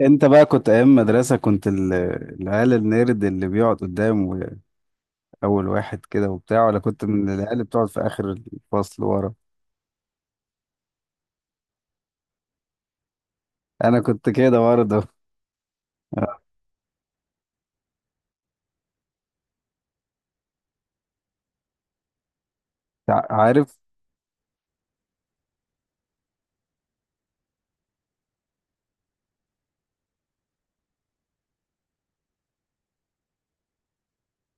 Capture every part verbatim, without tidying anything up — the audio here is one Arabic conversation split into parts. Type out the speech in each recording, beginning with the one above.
انت بقى كنت ايام مدرسة كنت ال- العيال النيرد اللي بيقعد قدام و- اول واحد كده وبتاع، ولا كنت من العيال اللي بتقعد في اخر الفصل ورا؟ انا كنت كده برضه. تع- عارف؟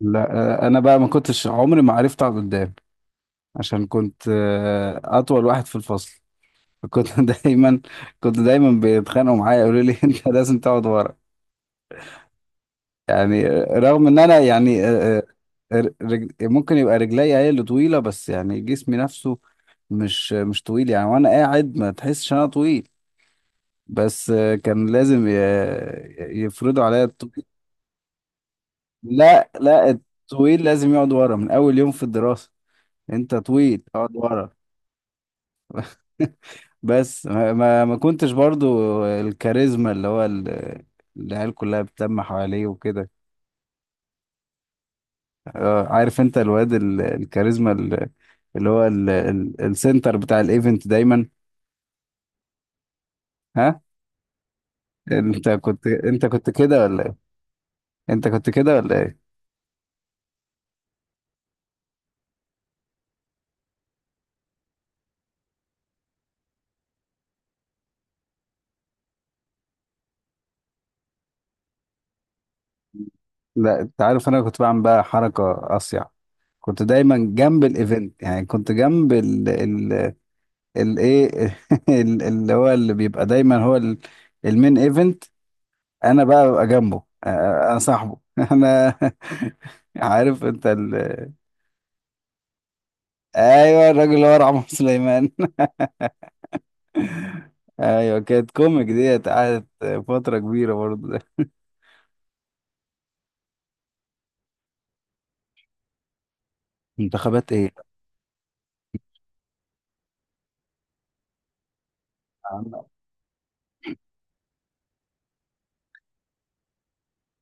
لا انا بقى ما كنتش، عمري ما عرفت اقعد قدام عشان كنت آه، اطول واحد في الفصل. فكنت دايما كنت دايما بيتخانقوا معايا، يقولوا لي انت لازم تقعد ورا. يعني رغم ان انا يعني آه، آه، رج... ممكن يبقى رجليا هي اللي طويله، بس يعني جسمي نفسه مش مش طويل يعني، وانا قاعد ما تحسش انا طويل. بس آه، كان لازم ي... يفرضوا عليا الطويل. لا، لا، الطويل لازم يقعد ورا من اول يوم في الدراسه. انت طويل اقعد ورا. بس ما ما ما كنتش برضو الكاريزما، اللي هو ال- العيال كلها بتلم حواليه وكده. آه، عارف انت الواد ال- الكاريزما، ال- اللي هو ال- ال- السنتر بتاع الايفنت دايما. ها، انت كنت انت كنت كده ولا ايه؟ انت كنت كده ولا ايه؟ لا، انت عارف انا كنت بعمل بقى حركة اصيع. كنت دايما جنب الايفنت، يعني كنت جنب ال ال الايه اللي هو اللي بيبقى دايما هو ال- المين ايفنت. انا بقى ببقى جنبه، آه، آه، انا صاحبه. انا عارف انت ال... ايوه، الراجل اللي هو رعمه سليمان. ايوه، كانت كوميك ديت، قعدت فترة كبيرة برضه. منتخبات ايه؟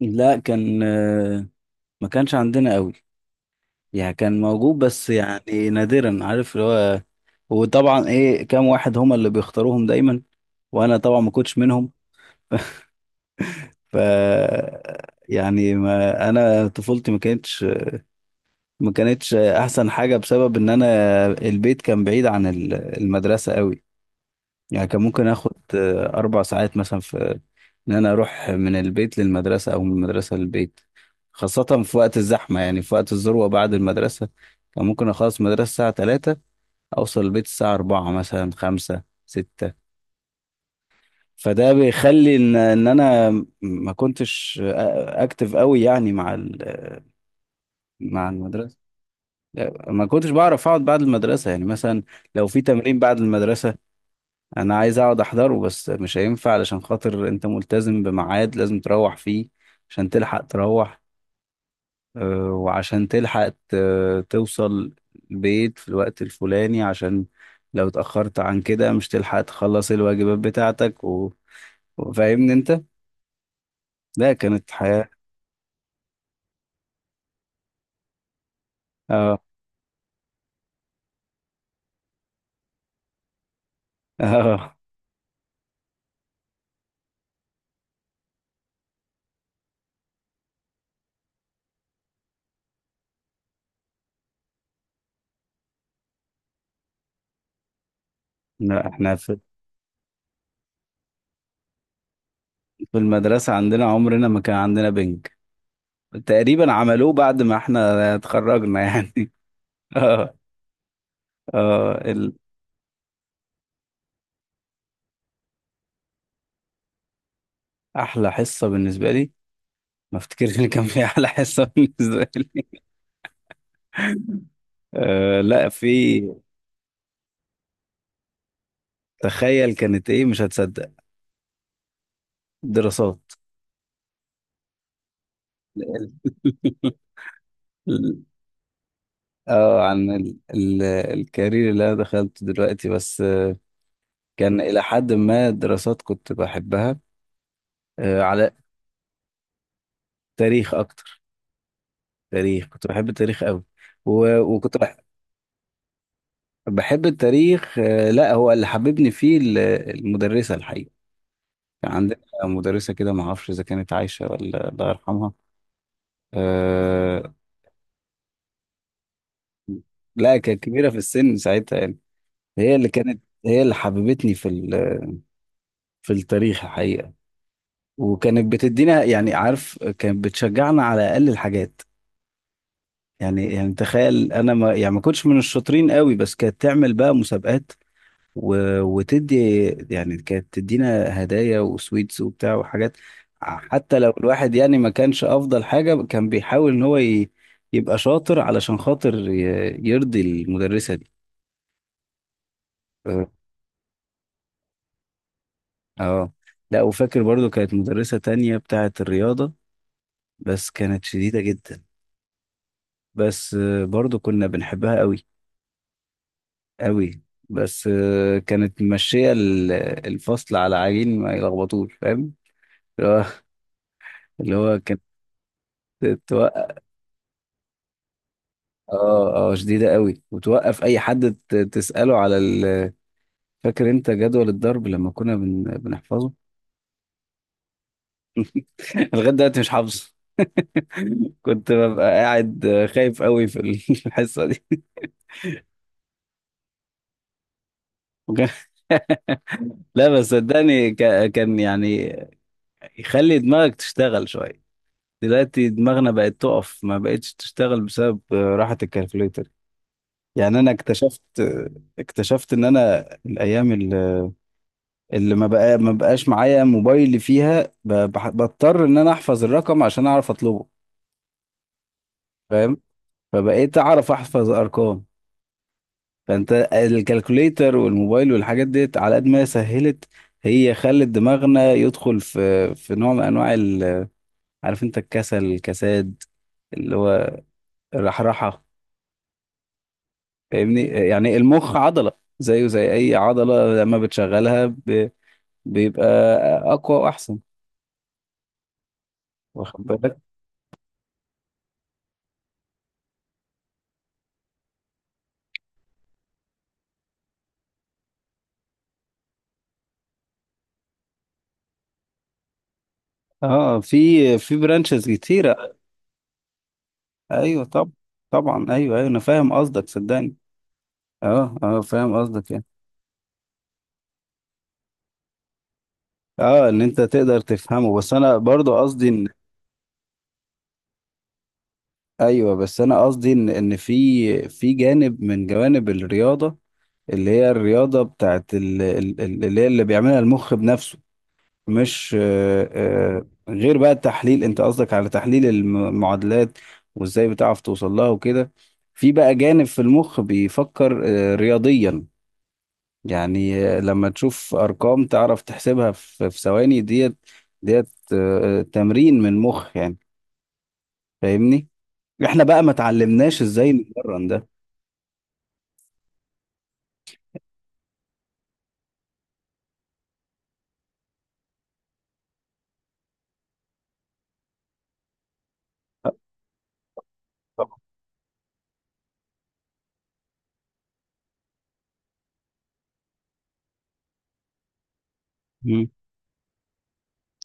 لا، كان آه، ما كانش عندنا قوي. يعني كان موجود بس يعني نادرا، عارف اللي هو. وطبعا ايه، كام واحد هما اللي بيختاروهم دايما، وانا طبعا ما كنتش منهم. ف يعني ما انا طفولتي ما كانتش ما كانتش احسن حاجة بسبب ان انا البيت كان بعيد عن ال- المدرسة قوي. يعني كان ممكن اخد آه، اربع ساعات مثلا في ان انا اروح من البيت للمدرسه او من المدرسه للبيت، خاصه في وقت الزحمه، يعني في وقت الذروه بعد المدرسه. كان ممكن اخلص مدرسه الساعه ثلاثة، اوصل البيت الساعه اربعة، مثلا خمسة، ستة. فده بيخلي ان ان انا م- ما كنتش آه، اكتف قوي يعني مع ال- مع المدرسه. لا، ما كنتش بعرف اقعد بعد المدرسه، يعني مثلا لو في تمرين بعد المدرسه، انا عايز اقعد احضره بس مش هينفع علشان خاطر انت ملتزم بميعاد لازم تروح فيه عشان تلحق تروح. آه، وعشان تلحق ت- توصل البيت في الوقت الفلاني، عشان لو اتأخرت عن كده مش تلحق تخلص الواجبات بتاعتك و... وفاهمني انت. لا، كانت حياة. اه. اه. لا، احنا في في المدرسة عندنا عمرنا ما كان عندنا بنج، تقريبا عملوه بعد ما احنا اتخرجنا يعني. اه، اه، ال- احلى حصة بالنسبة لي، ما افتكرش ان كان في احلى حصه بالنسبه لي. أه لا، في. تخيل كانت ايه، مش هتصدق؟ دراسات. ال- اه، عن ال ال الكارير اللي انا دخلته دلوقتي، بس آه، كان الى حد ما دراسات كنت بحبها. آه، على تاريخ اكتر. تاريخ، كنت بحب التاريخ قوي. و- وكنت بح- بحب التاريخ آه، لا، هو اللي حببني فيه ال- المدرسه الحقيقه. كان عندنا مدرسه كده، ما اعرفش اذا كانت عايشه ولا الله يرحمها. آه، لا، كانت كبيرة في السن ساعتها يعني. هي اللي كانت، هي اللي حببتني في ال- في التاريخ الحقيقة. وكانت بتدينا، يعني عارف، كانت بتشجعنا على أقل الحاجات. يعني يعني تخيل أنا، ما يعني ما كنتش من الشاطرين قوي، بس كانت تعمل بقى مسابقات و... وتدي، يعني كانت تدينا هدايا وسويتس وبتاع وحاجات. حتى لو الواحد يعني ما كانش أفضل حاجة، كان بيحاول إن هو ي... يبقى شاطر علشان خاطر ي... يرضي المدرسة دي. اه. لا، وفاكر برضو كانت مدرسة تانية بتاعة الرياضة، بس كانت شديدة جدا. بس آه، برضو كنا بنحبها قوي قوي. بس آه، كانت ماشية ال- الفصل على عجين ما يلخبطوش، فاهم؟ اللي هو، اللي هو كانت توقف. اه، اه، شديدة قوي، وتوقف اي حد ت- تسأله على ال فاكر انت جدول الضرب لما كنا بن... بنحفظه؟ لغاية دلوقتي مش حافظه. كنت ببقى قاعد آه، خايف قوي في الحصة دي. لا، بس صدقني، ك- كان يعني يخلي دماغك تشتغل شوية. دلوقتي دماغنا بقت تقف، ما بقتش تشتغل بسبب راحة الكالكوليتر. يعني انا اكتشفت، اكتشفت ان انا الايام اللي, اللي ما بقى ما بقاش معايا موبايل فيها، ب- بح- بضطر ان انا احفظ الرقم عشان اعرف اطلبه، فاهم؟ فبقيت اعرف احفظ ارقام. فانت الكالكوليتر والموبايل والحاجات ديت على قد ما هي سهلت، هي خلت دماغنا يدخل في في نوع من انواع، عارف انت، الكسل، الكساد، اللي هو الرحرحة. فاهمني؟ يعني المخ عضلة، زيه زي اي عضلة، لما بتشغلها ب... بيبقى اقوى واحسن، واخد بالك؟ اه، في في برانشز كتيرة. ايوه طب. طبعا، ايوه، ايوه، انا فاهم قصدك صدقني. اه، اه، فاهم قصدك يعني. اه، ان انت تقدر تفهمه. بس انا برضو قصدي ان، ايوه، بس انا قصدي ان ان في في جانب من جوانب الرياضة، اللي هي الرياضة بتاعت ال- ال- ال- اللي هي اللي بيعملها المخ بنفسه. مش آه، آه، غير بقى التحليل، انت قصدك على تحليل الم- المعادلات وازاي بتعرف توصل لها وكده. في بقى جانب في المخ بيفكر آه، رياضيا. يعني آه، لما تشوف ارقام تعرف تحسبها في في ثواني، ديت ديت آه، آه، تمرين من مخ يعني. فاهمني؟ احنا بقى ما اتعلمناش ازاي نتمرن ده. طبعا. مم.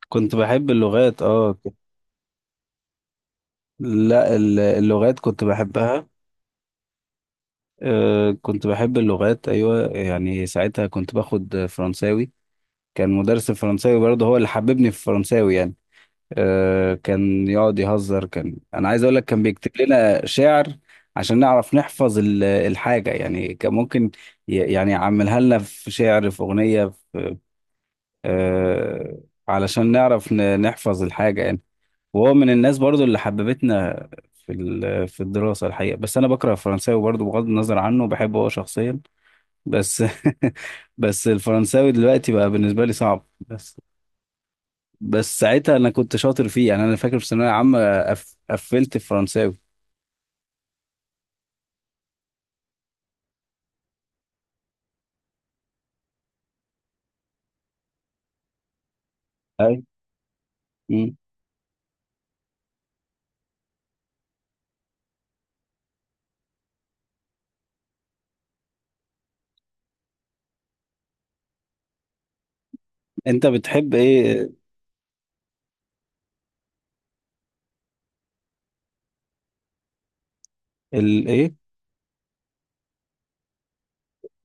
كنت بحب اللغات، اه. لا، ال- اللغات كنت بحبها. آه، كنت بحب اللغات أيوة، يعني ساعتها كنت باخد فرنساوي. كان مدرس الفرنساوي برضه هو اللي حببني في الفرنساوي يعني. آه، كان يقعد يهزر، كان أنا عايز أقول لك كان بيكتب لنا شعر عشان نعرف نحفظ ال- الحاجة يعني. كان ممكن ي- يعني يعملها لنا في شعر، في أغنية، في آه، علشان نعرف ن- نحفظ الحاجة يعني. وهو من الناس برضو اللي حببتنا في ال- في الدراسة الحقيقة، بس أنا بكره الفرنساوي برضو، بغض النظر عنه، بحبه هو شخصيا. بس بس الفرنساوي دلوقتي بقى بالنسبة لي صعب، بس بس ساعتها أنا كنت شاطر فيه، يعني أنا فاكر في ثانوية عامة قف- قفلت الفرنساوي. أي. مم. أنت بتحب إيه؟ ال إيه؟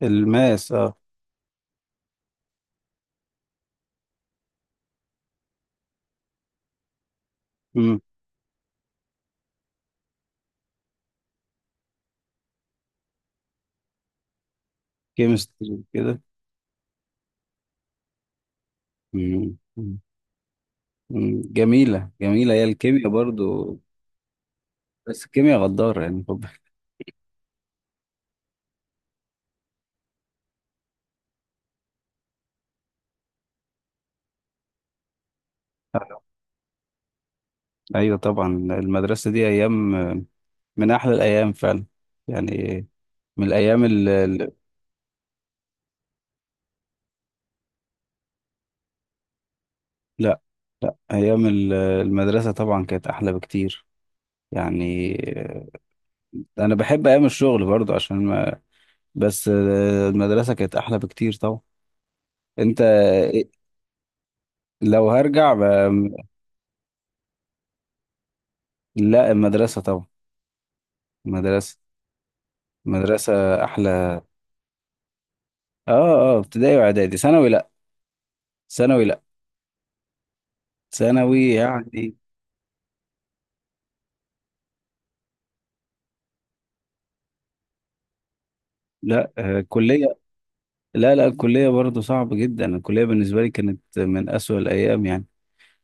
الماس، أه. مم. كيمستري كده. مم. مم. جميلة، جميلة هي الكيمياء برضو. بس الكيمياء غدارة يعني. ايوه طبعا، المدرسه دي ايام من احلى الايام فعلا يعني، من الايام ال ال- لا، لا، ايام ال- المدرسه طبعا كانت احلى بكتير يعني. انا بحب ايام الشغل برضو عشان ما، بس المدرسه كانت احلى بكتير طبعا. انت. لو هرجع ب- لا، المدرسه طبعا. المدرسه المدرسه احلى. اه. اه، ابتدائي واعدادي، ثانوي لا، ثانوي لا، ثانوي يعني. لا، آه، كليه. لا لا، الكلية برضه صعبة جدا، الكلية بالنسبة لي كانت من أسوأ الأيام يعني.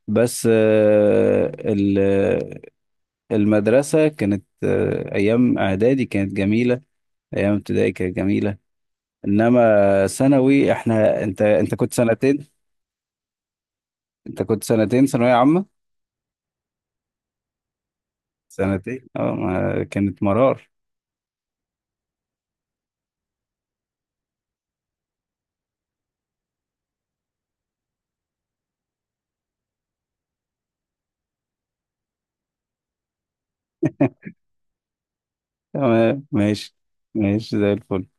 بس آه، ال- آه، المدرسة كانت، آه، أيام إعدادي كانت جميلة، أيام ابتدائي كانت جميلة، إنما ثانوي، إحنا، أنت أنت كنت سنتين، أنت كنت سنتين ثانوية عامة. سنتين، أه، ما- كانت مرار. تمام، ماشي. ماشي زي الفل.